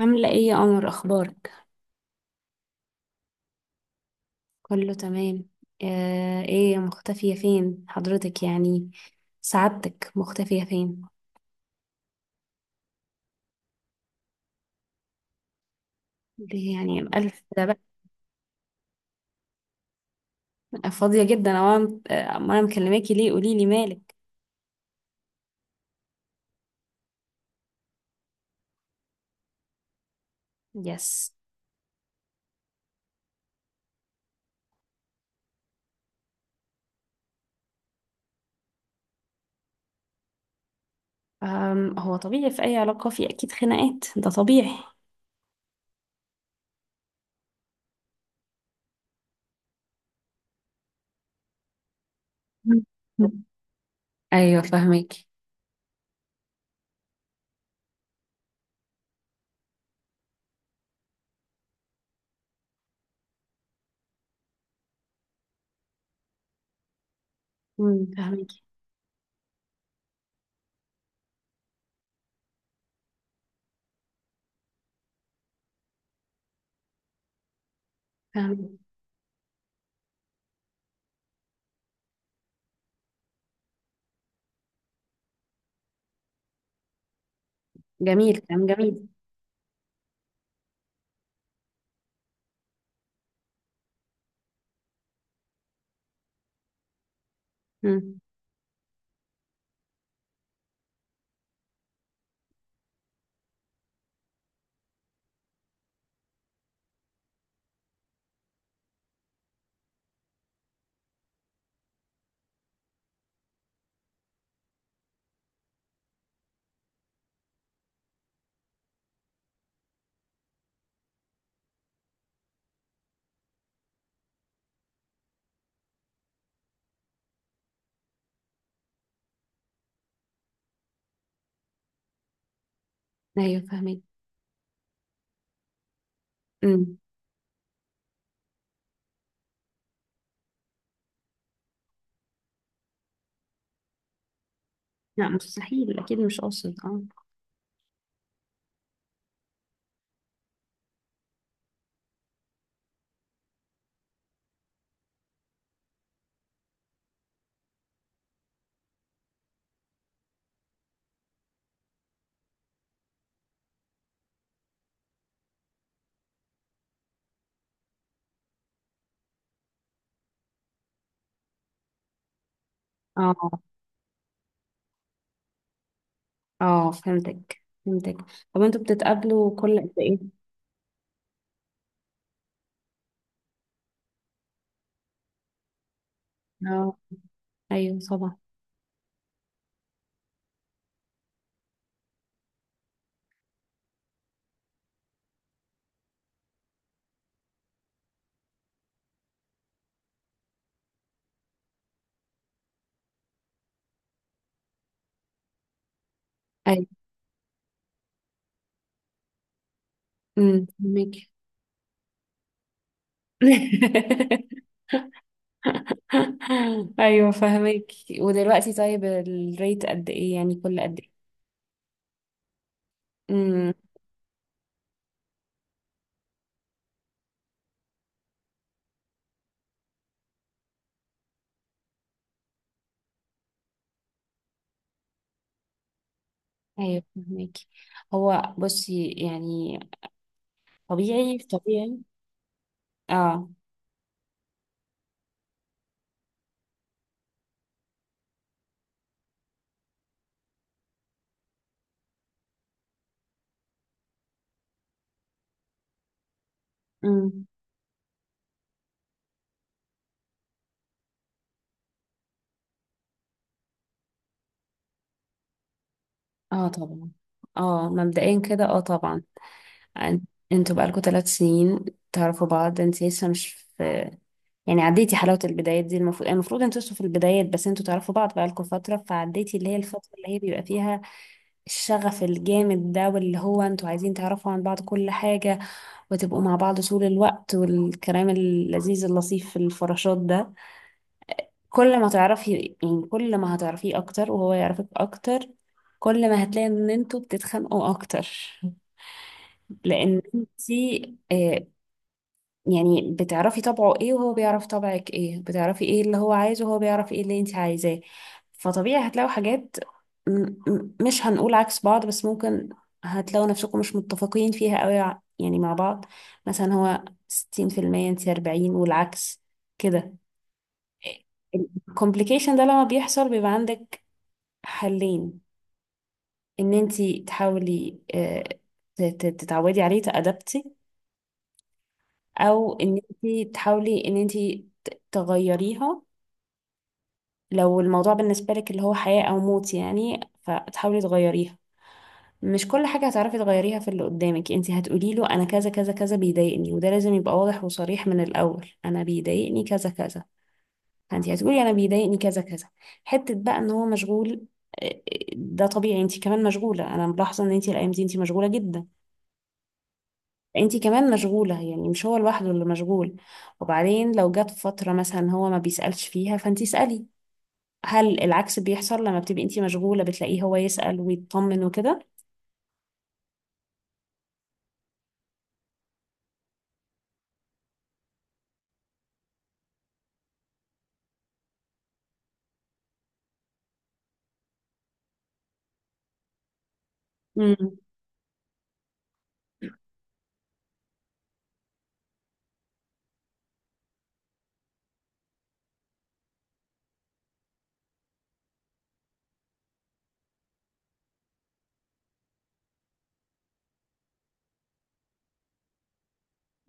عاملة ايه يا قمر، اخبارك؟ كله تمام. ايه مختفية فين حضرتك؟ يعني سعادتك مختفية فين؟ ليه يعني الف ده بقى؟ فاضية جدا، او انا أما أنا مكلماكي، ليه؟ قولي لي مالك. يس. هو طبيعي، في اي علاقة في اكيد خناقات، ده طبيعي. مم. ايوه فهمك فهمك فهمك. جميل، كلام جميل. مم. ايوه فهمك. مم. لا، مستحيل، اكيد مش قاصد. اه اه اه، فهمتك فهمتك. طب انتوا بتتقابلوا كل قد ايه؟ اه، ايوه طبعا. ايوه. امم، فهماكي. ايوه فهماكي. ودلوقتي طيب الريت قد ايه، يعني كل قد ايه؟ امم. ايوه فهماكي. هو بصي يعني، طبيعي طبيعي. اه. امم. اه طبعا. اه مبدئيا كده، اه طبعا. أن- انتوا بقالكوا ثلاث سنين تعرفوا بعض، انت لسه مش في، يعني عديتي حلاوة البدايات دي. المفروض المفروض انتوا لسه في البدايات، بس انتوا تعرفوا بعض بقالكوا فترة، فعديتي اللي هي الفترة اللي هي بيبقى فيها الشغف الجامد ده، واللي هو انتوا عايزين تعرفوا عن بعض كل حاجة وتبقوا مع بعض طول الوقت والكلام اللذيذ اللطيف في الفراشات ده. كل ما تعرفي، يعني كل ما هتعرفيه اكتر وهو يعرفك اكتر، كل ما هتلاقي ان انتوا بتتخانقوا اكتر. لان انتي آه، يعني بتعرفي طبعه ايه وهو بيعرف طبعك ايه، بتعرفي ايه اللي هو عايزه وهو بيعرف ايه اللي انت عايزاه. فطبيعي هتلاقوا حاجات، مش هنقول عكس بعض، بس ممكن هتلاقوا نفسكم مش متفقين فيها قوي يعني مع بعض. مثلا هو 60%، انت 40 والعكس، كده. الكومبليكيشن ده لما بيحصل بيبقى عندك حلين: ان انت تحاولي تتعودي عليه، تأدبتي، او ان انت تحاولي ان انت تغيريها. لو الموضوع بالنسبة لك اللي هو حياة أو موت يعني، فتحاولي تغيريها. مش كل حاجة هتعرفي تغيريها في اللي قدامك. انت هتقولي له أنا كذا كذا كذا بيضايقني، وده لازم يبقى واضح وصريح من الأول. أنا بيضايقني كذا كذا، فانت هتقولي أنا بيضايقني كذا كذا. حتة بقى إن هو مشغول، اه، آه، ده طبيعي، انت كمان مشغولة. أنا ملاحظة إن انت الأيام دي انت مشغولة جدا، انت كمان مشغولة، يعني مش هو لوحده اللي مشغول. وبعدين لو جت فترة مثلا هو ما بيسألش فيها، فانت اسألي. هل العكس بيحصل لما بتبقي انتي مشغولة بتلاقيه هو يسأل ويطمن وكده؟ امم.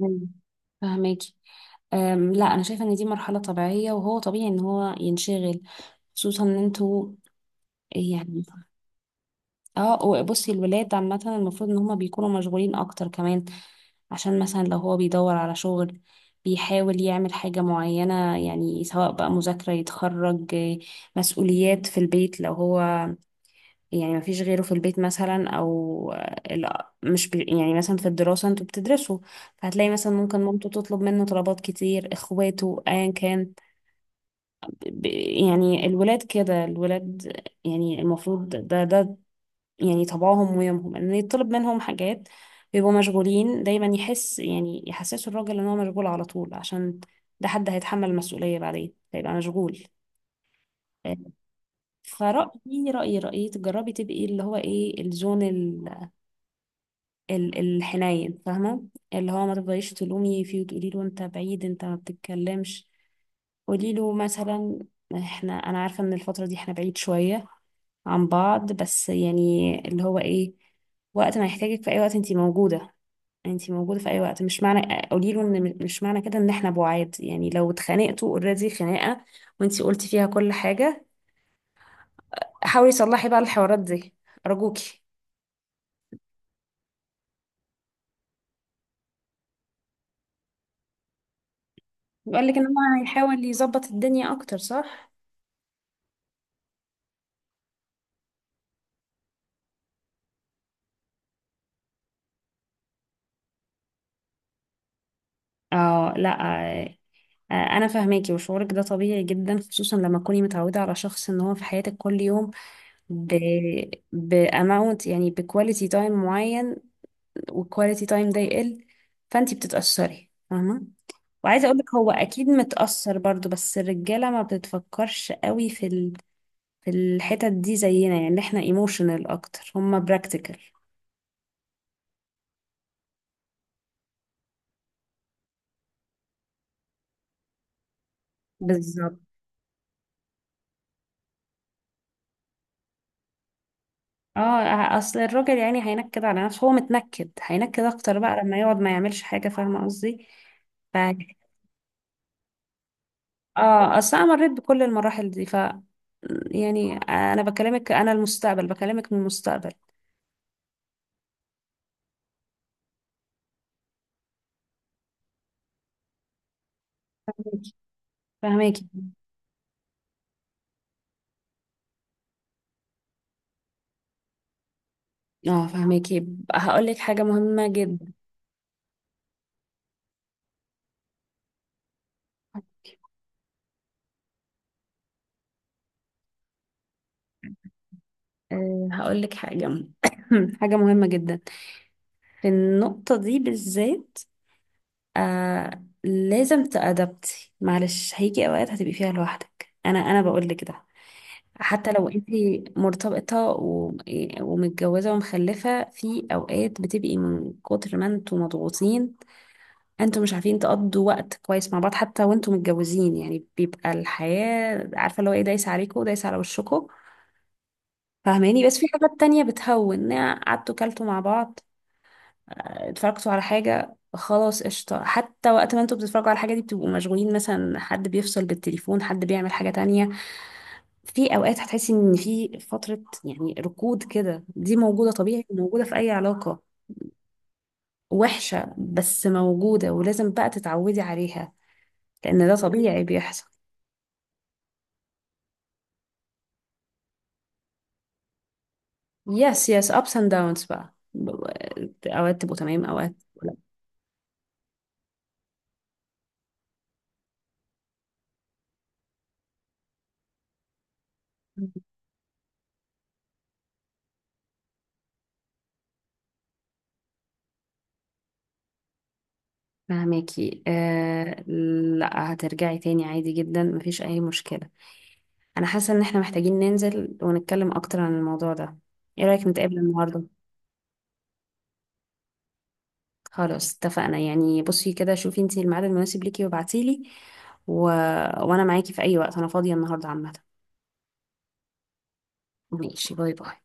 أمم. فهماكي. لا، انا شايفة ان دي مرحلة طبيعية، وهو طبيعي ان هو ينشغل، خصوصا ان انتوا يعني. اه، وبصي الولاد عامة المفروض ان هما بيكونوا مشغولين اكتر كمان. عشان مثلا لو هو بيدور على شغل، بيحاول يعمل حاجة معينة، يعني سواء بقى مذاكرة، يتخرج، مسؤوليات في البيت لو هو يعني ما فيش غيره في البيت مثلا، او ال- مش بي يعني، مثلا في الدراسة انتوا بتدرسوا، فهتلاقي مثلا ممكن مامته تطلب منه طلبات كتير، اخواته، ايا كان. ب- يعني الولاد كده، الولاد يعني المفروض ده ده يعني طبعهم ويومهم ان يطلب منهم حاجات. بيبقوا مشغولين دايما، يحس يعني يحسسوا الراجل ان هو مشغول على طول، عشان ده حد هيتحمل المسؤولية بعدين هيبقى مشغول. فرأيي رأيي رأيي، تجربي تبقي اللي هو ايه، الزون، الحنين، فاهمة؟ اللي هو ما تفضليش تلومي فيه وتقولي له انت بعيد، انت ما بتتكلمش. قولي له مثلا، احنا، انا عارفة ان الفترة دي احنا بعيد شوية عن بعض، بس يعني اللي هو ايه، وقت ما يحتاجك في اي وقت انتي موجودة، انتي موجودة في اي وقت. مش معنى قولي له ان مش معنى كده ان احنا بعاد. يعني لو اتخانقتوا اوريدي خناقة وانتي قلتي فيها كل حاجة، حاولي تصلحي بقى الحوارات دي، ارجوكي. بيقول لك ان هو هيحاول يظبط الدنيا اكتر، صح؟ اه، لا انا فاهماكي، وشعورك ده طبيعي جدا، خصوصا لما تكوني متعوده على شخص ان هو في حياتك كل يوم، ب باماونت، يعني بكواليتي تايم معين، والكواليتي تايم ده يقل، فانتي بتتاثري، فاهمه. وعايزه اقول لك هو اكيد متاثر برضو، بس الرجاله ما بتفكرش قوي في ال... في الحتت دي زينا، يعني احنا ايموشنال اكتر، هما براكتيكال. بالظبط. اه، اصل الراجل يعني هينكد على نفسه، هو متنكد، هينكد اكتر بقى لما يقعد ما يعملش حاجة، فاهمة قصدي؟ ف اه، اصل انا مريت بكل المراحل دي، يعني انا بكلمك، انا المستقبل، بكلمك من المستقبل. فهماكي فهماكي. اه فهماكي. هقول لك حاجة مهمة جدا. أه هقول لك حاجة حاجة مهمة جدا في النقطة دي بالذات. آه لازم تأدبتي، معلش، هيجي اوقات هتبقي فيها لوحدك. انا انا بقول لك ده، حتى لو انت مرتبطة ومتجوزة ومخلفة، في اوقات بتبقي من كتر ما انتوا مضغوطين انتوا مش عارفين تقضوا وقت كويس مع بعض. حتى وانتوا متجوزين يعني بيبقى الحياة عارفة اللي هو ايه، دايسة عليكوا ودايسة على وشكوا، فاهماني؟ بس في حاجات تانية بتهون: قعدتوا كلتوا مع بعض، اتفرجتوا على حاجة، خلاص، قشطة. حتى وقت ما انتوا بتتفرجوا على الحاجة دي بتبقوا مشغولين، مثلا حد بيفصل بالتليفون، حد بيعمل حاجة تانية. في أوقات هتحسي إن في فترة يعني ركود كده، دي موجودة، طبيعي، موجودة في أي علاقة. وحشة بس موجودة، ولازم بقى تتعودي عليها، لأن ده طبيعي بيحصل. يس يس، ups and downs بقى، أوقات تبقوا تمام، أوقات. لا، فهماكي آه، لا هترجعي تاني عادي جدا، مفيش اي مشكلة. انا حاسة ان احنا محتاجين ننزل ونتكلم اكتر عن الموضوع ده، ايه رأيك نتقابل النهاردة؟ خلاص اتفقنا، يعني بصي كده، شوفي انتي الميعاد المناسب ليكي وابعتيلي، و... وانا معاكي في اي وقت، انا فاضية النهاردة عامة. ماشي، باي باي.